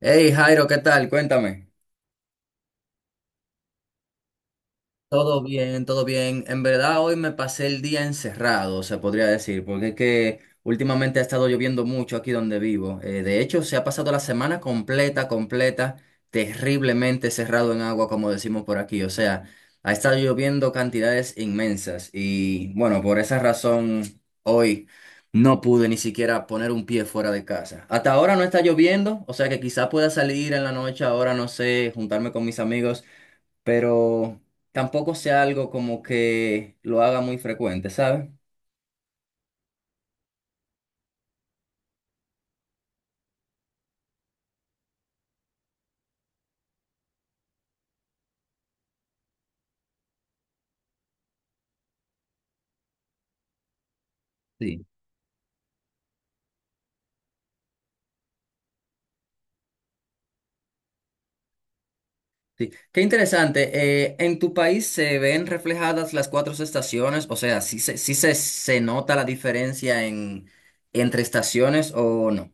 Hey Jairo, ¿qué tal? Cuéntame. Todo bien, todo bien. En verdad hoy me pasé el día encerrado, se podría decir, porque es que últimamente ha estado lloviendo mucho aquí donde vivo. De hecho, se ha pasado la semana completa, completa, terriblemente cerrado en agua, como decimos por aquí. O sea, ha estado lloviendo cantidades inmensas y bueno, por esa razón hoy no pude ni siquiera poner un pie fuera de casa. Hasta ahora no está lloviendo, o sea que quizá pueda salir en la noche, ahora no sé, juntarme con mis amigos. Pero tampoco sea algo como que lo haga muy frecuente, ¿sabes? Sí. Sí. Qué interesante. ¿En tu país se ven reflejadas las cuatro estaciones? O sea, ¿sí se nota la diferencia entre estaciones o no?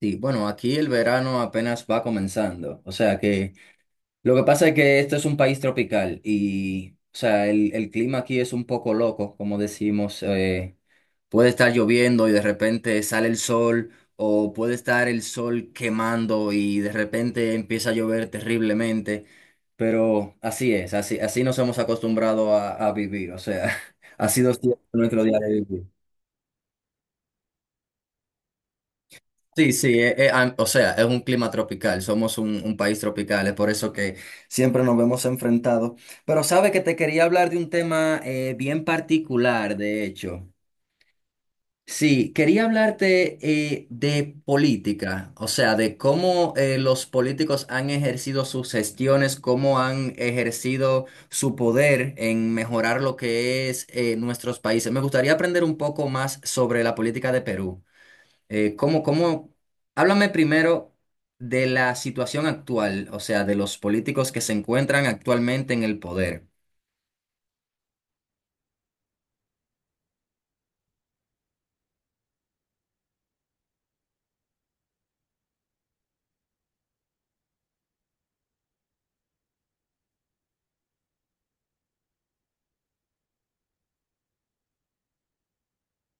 Sí, bueno, aquí el verano apenas va comenzando, o sea que. Lo que pasa es que esto es un país tropical y, o sea, el clima aquí es un poco loco, como decimos. Puede estar lloviendo y de repente sale el sol, o puede estar el sol quemando y de repente empieza a llover terriblemente. Pero así es, así, así nos hemos acostumbrado a vivir, o sea, ha sido siempre nuestro día de vivir. Sí, sí, o sea, es un clima tropical, somos un país tropical, es por eso que siempre nos vemos enfrentados. Pero sabe que te quería hablar de un tema bien particular, de hecho. Sí, quería hablarte de política, o sea, de cómo los políticos han ejercido sus gestiones, cómo han ejercido su poder en mejorar lo que es nuestros países. Me gustaría aprender un poco más sobre la política de Perú. ¿Cómo? Háblame primero de la situación actual, o sea, de los políticos que se encuentran actualmente en el poder.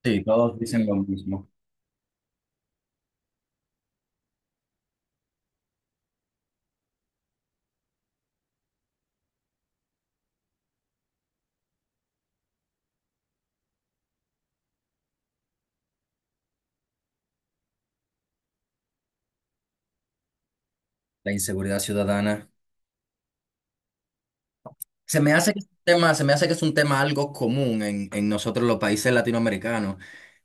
Sí, todos dicen lo mismo. La inseguridad ciudadana. Se me hace que es un tema, se me hace que es un tema algo común en nosotros los países latinoamericanos.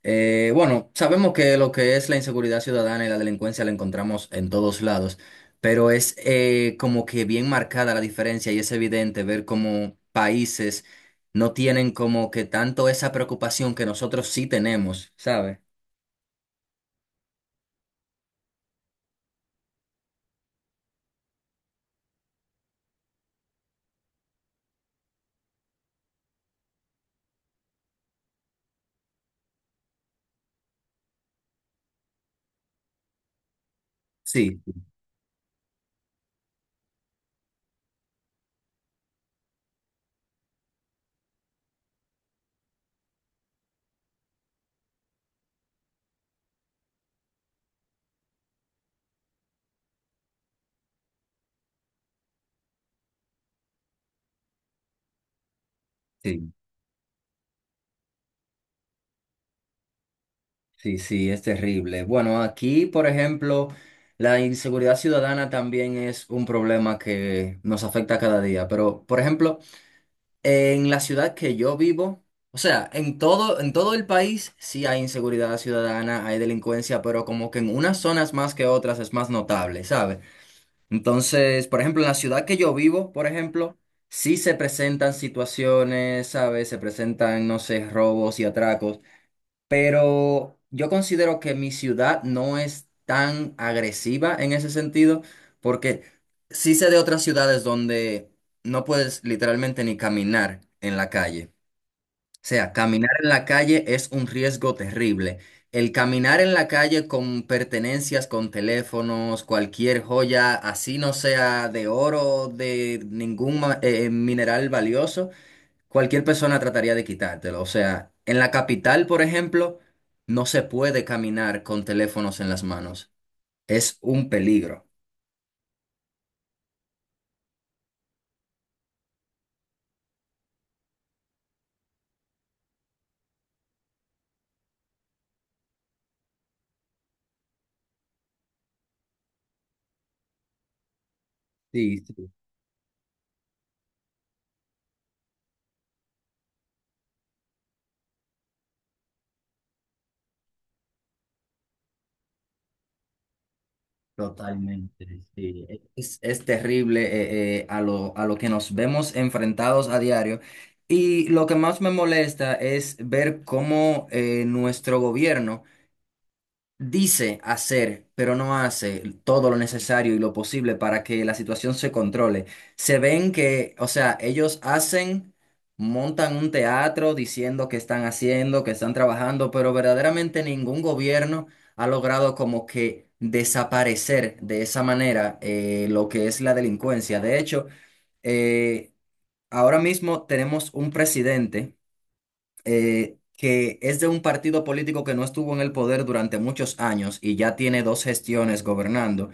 Bueno, sabemos que lo que es la inseguridad ciudadana y la delincuencia la encontramos en todos lados, pero es como que bien marcada la diferencia y es evidente ver cómo países no tienen como que tanto esa preocupación que nosotros sí tenemos, ¿sabes? Sí, sí. Sí, sí, es terrible. Bueno, aquí, por ejemplo, la inseguridad ciudadana también es un problema que nos afecta cada día. Pero, por ejemplo, en la ciudad que yo vivo, o sea, en todo el país sí hay inseguridad ciudadana, hay delincuencia, pero como que en unas zonas más que otras es más notable, ¿sabes? Entonces, por ejemplo, en la ciudad que yo vivo, por ejemplo, sí se presentan situaciones, ¿sabes? Se presentan, no sé, robos y atracos, pero yo considero que mi ciudad no es tan agresiva en ese sentido, porque sí sé de otras ciudades donde no puedes literalmente ni caminar en la calle. O sea, caminar en la calle es un riesgo terrible. El caminar en la calle con pertenencias, con teléfonos, cualquier joya, así no sea de oro, de ningún mineral valioso, cualquier persona trataría de quitártelo. O sea, en la capital, por ejemplo, no se puede caminar con teléfonos en las manos. Es un peligro. Sí, sí, totalmente. Sí. Es terrible a lo que nos vemos enfrentados a diario. Y lo que más me molesta es ver cómo nuestro gobierno. Dice hacer, pero no hace todo lo necesario y lo posible para que la situación se controle. Se ven que, o sea, ellos hacen, montan un teatro diciendo que están haciendo, que están trabajando, pero verdaderamente ningún gobierno ha logrado como que desaparecer de esa manera lo que es la delincuencia. De hecho, eh, ahora mismo tenemos un presidente que es de un partido político que no estuvo en el poder durante muchos años y ya tiene dos gestiones gobernando.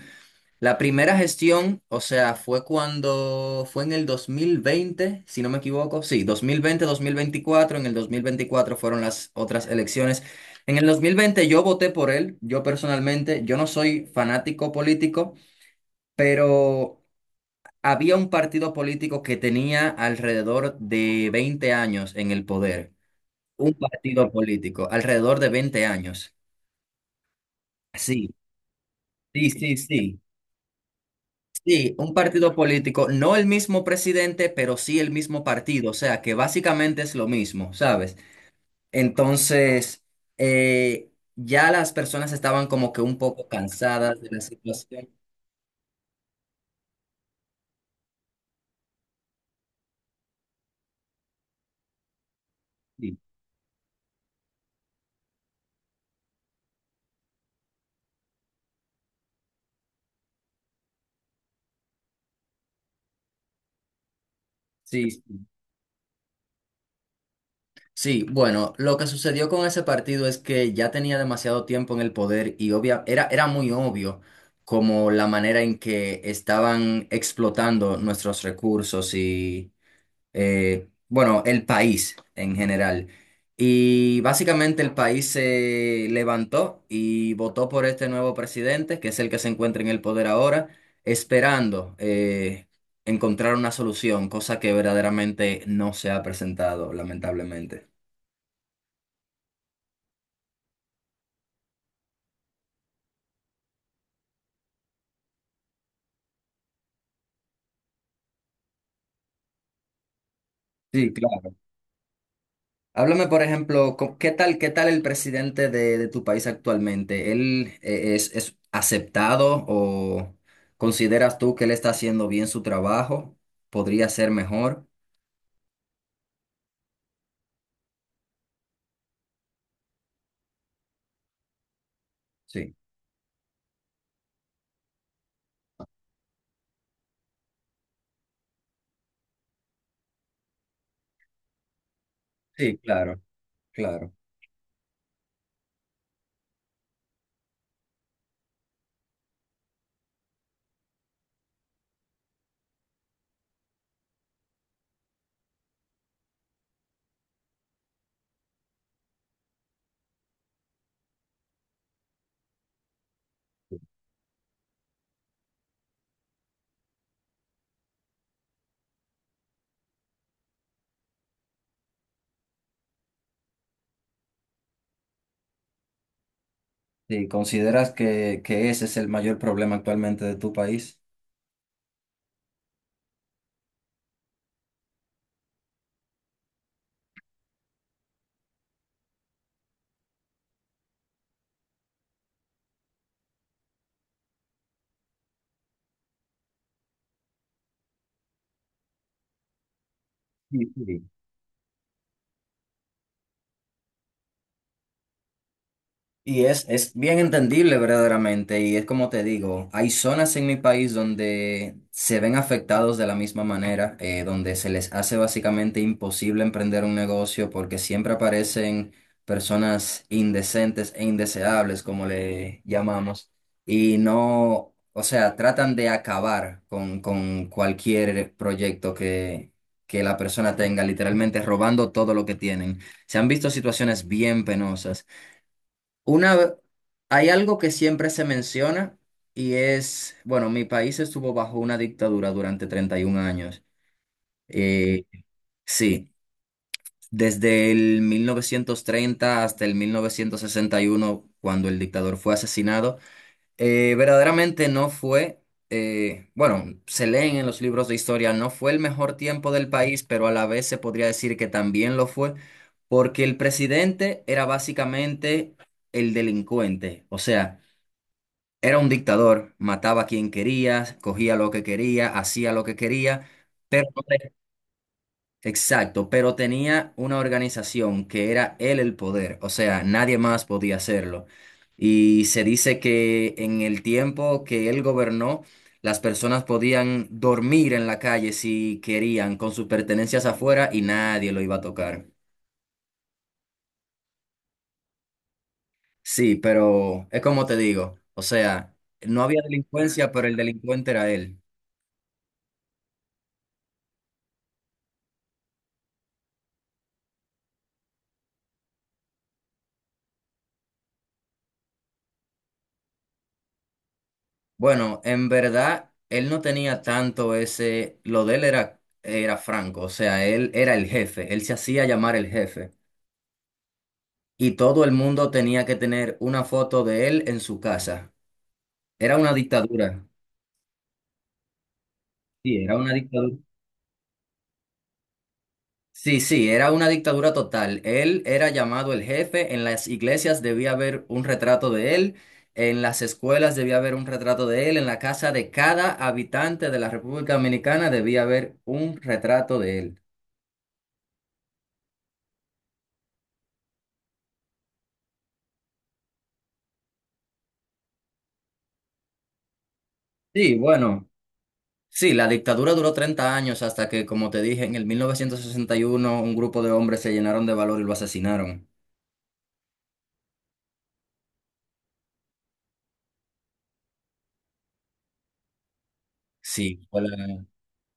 La primera gestión, o sea, fue cuando fue en el 2020 si no me equivoco, sí, dos mil veinte, 2024, en el 2024 fueron las otras elecciones. En el 2020 yo voté por él, yo personalmente, yo no soy fanático político, pero. Había un partido político que tenía alrededor de 20 años en el poder. Un partido político, alrededor de 20 años. Sí, sí, sí, sí. Sí, un partido político, no el mismo presidente, pero sí el mismo partido, o sea que básicamente es lo mismo, ¿sabes? Entonces, ya las personas estaban como que un poco cansadas de la situación. Sí, sí, sí. Sí, bueno, lo que sucedió con ese partido es que ya tenía demasiado tiempo en el poder y obvia, era muy obvio como la manera en que estaban explotando nuestros recursos y, bueno, el país en general. Y básicamente el país se levantó y votó por este nuevo presidente, que es el que se encuentra en el poder ahora, esperando encontrar una solución, cosa que verdaderamente no se ha presentado, lamentablemente. Sí, claro. Háblame, por ejemplo, ¿qué tal el presidente de tu país actualmente? ¿Él es aceptado o consideras tú que él está haciendo bien su trabajo? ¿Podría ser mejor? Sí, sí, claro, claro. Sí, ¿consideras que ese es el mayor problema actualmente de tu país? Sí, sí. Y es bien entendible verdaderamente, y es como te digo, hay zonas en mi país donde se ven afectados de la misma manera, donde se les hace básicamente imposible emprender un negocio porque siempre aparecen personas indecentes e indeseables, como le llamamos, y no, o sea, tratan de acabar con cualquier proyecto que la persona tenga, literalmente robando todo lo que tienen. Se han visto situaciones bien penosas. Una, ve- hay algo que siempre se menciona y es, bueno, mi país estuvo bajo una dictadura durante 31 años. Eh, sí, desde el 1930 hasta el 1961 cuando el dictador fue asesinado. Verdaderamente no fue, bueno, se leen en los libros de historia, no fue el mejor tiempo del país, pero a la vez se podría decir que también lo fue, porque el presidente era básicamente el delincuente, o sea. Era un dictador, mataba a quien quería, cogía lo que quería, hacía lo que quería, pero exacto, pero tenía una organización que era él el poder, o sea, nadie más podía hacerlo. Y se dice que en el tiempo que él gobernó, las personas podían dormir en la calle si querían, con sus pertenencias afuera y nadie lo iba a tocar. Sí, pero es como te digo, o sea, no había delincuencia, pero el delincuente era él. Bueno, en verdad, él no tenía tanto ese, lo de él era franco, o sea, él era el jefe, él se hacía llamar el jefe y todo el mundo tenía que tener una foto de él en su casa. Era una dictadura. Sí, era una dictadura. Sí, sí, era una dictadura total. Él era llamado el jefe, en las iglesias debía haber un retrato de él, en las escuelas debía haber un retrato de él, en la casa de cada habitante de la República Dominicana debía haber un retrato de él. Sí, bueno, sí, la dictadura duró 30 años hasta que, como te dije, en el 1961 un grupo de hombres se llenaron de valor y lo asesinaron. Sí,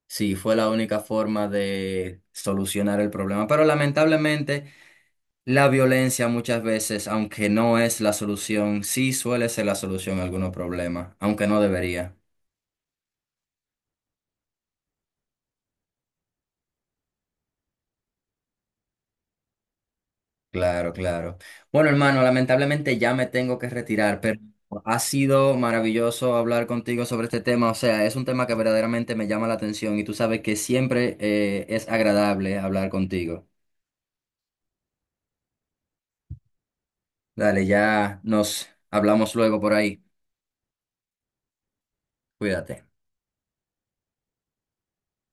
sí, fue la única forma de solucionar el problema. Pero lamentablemente la violencia muchas veces, aunque no es la solución, sí suele ser la solución a algunos problemas, aunque no debería. Claro, claro. Bueno, hermano, lamentablemente ya me tengo que retirar, pero ha sido maravilloso hablar contigo sobre este tema. O sea, es un tema que verdaderamente me llama la atención y tú sabes que siempre es agradable hablar contigo. Dale, ya nos hablamos luego por ahí. Cuídate.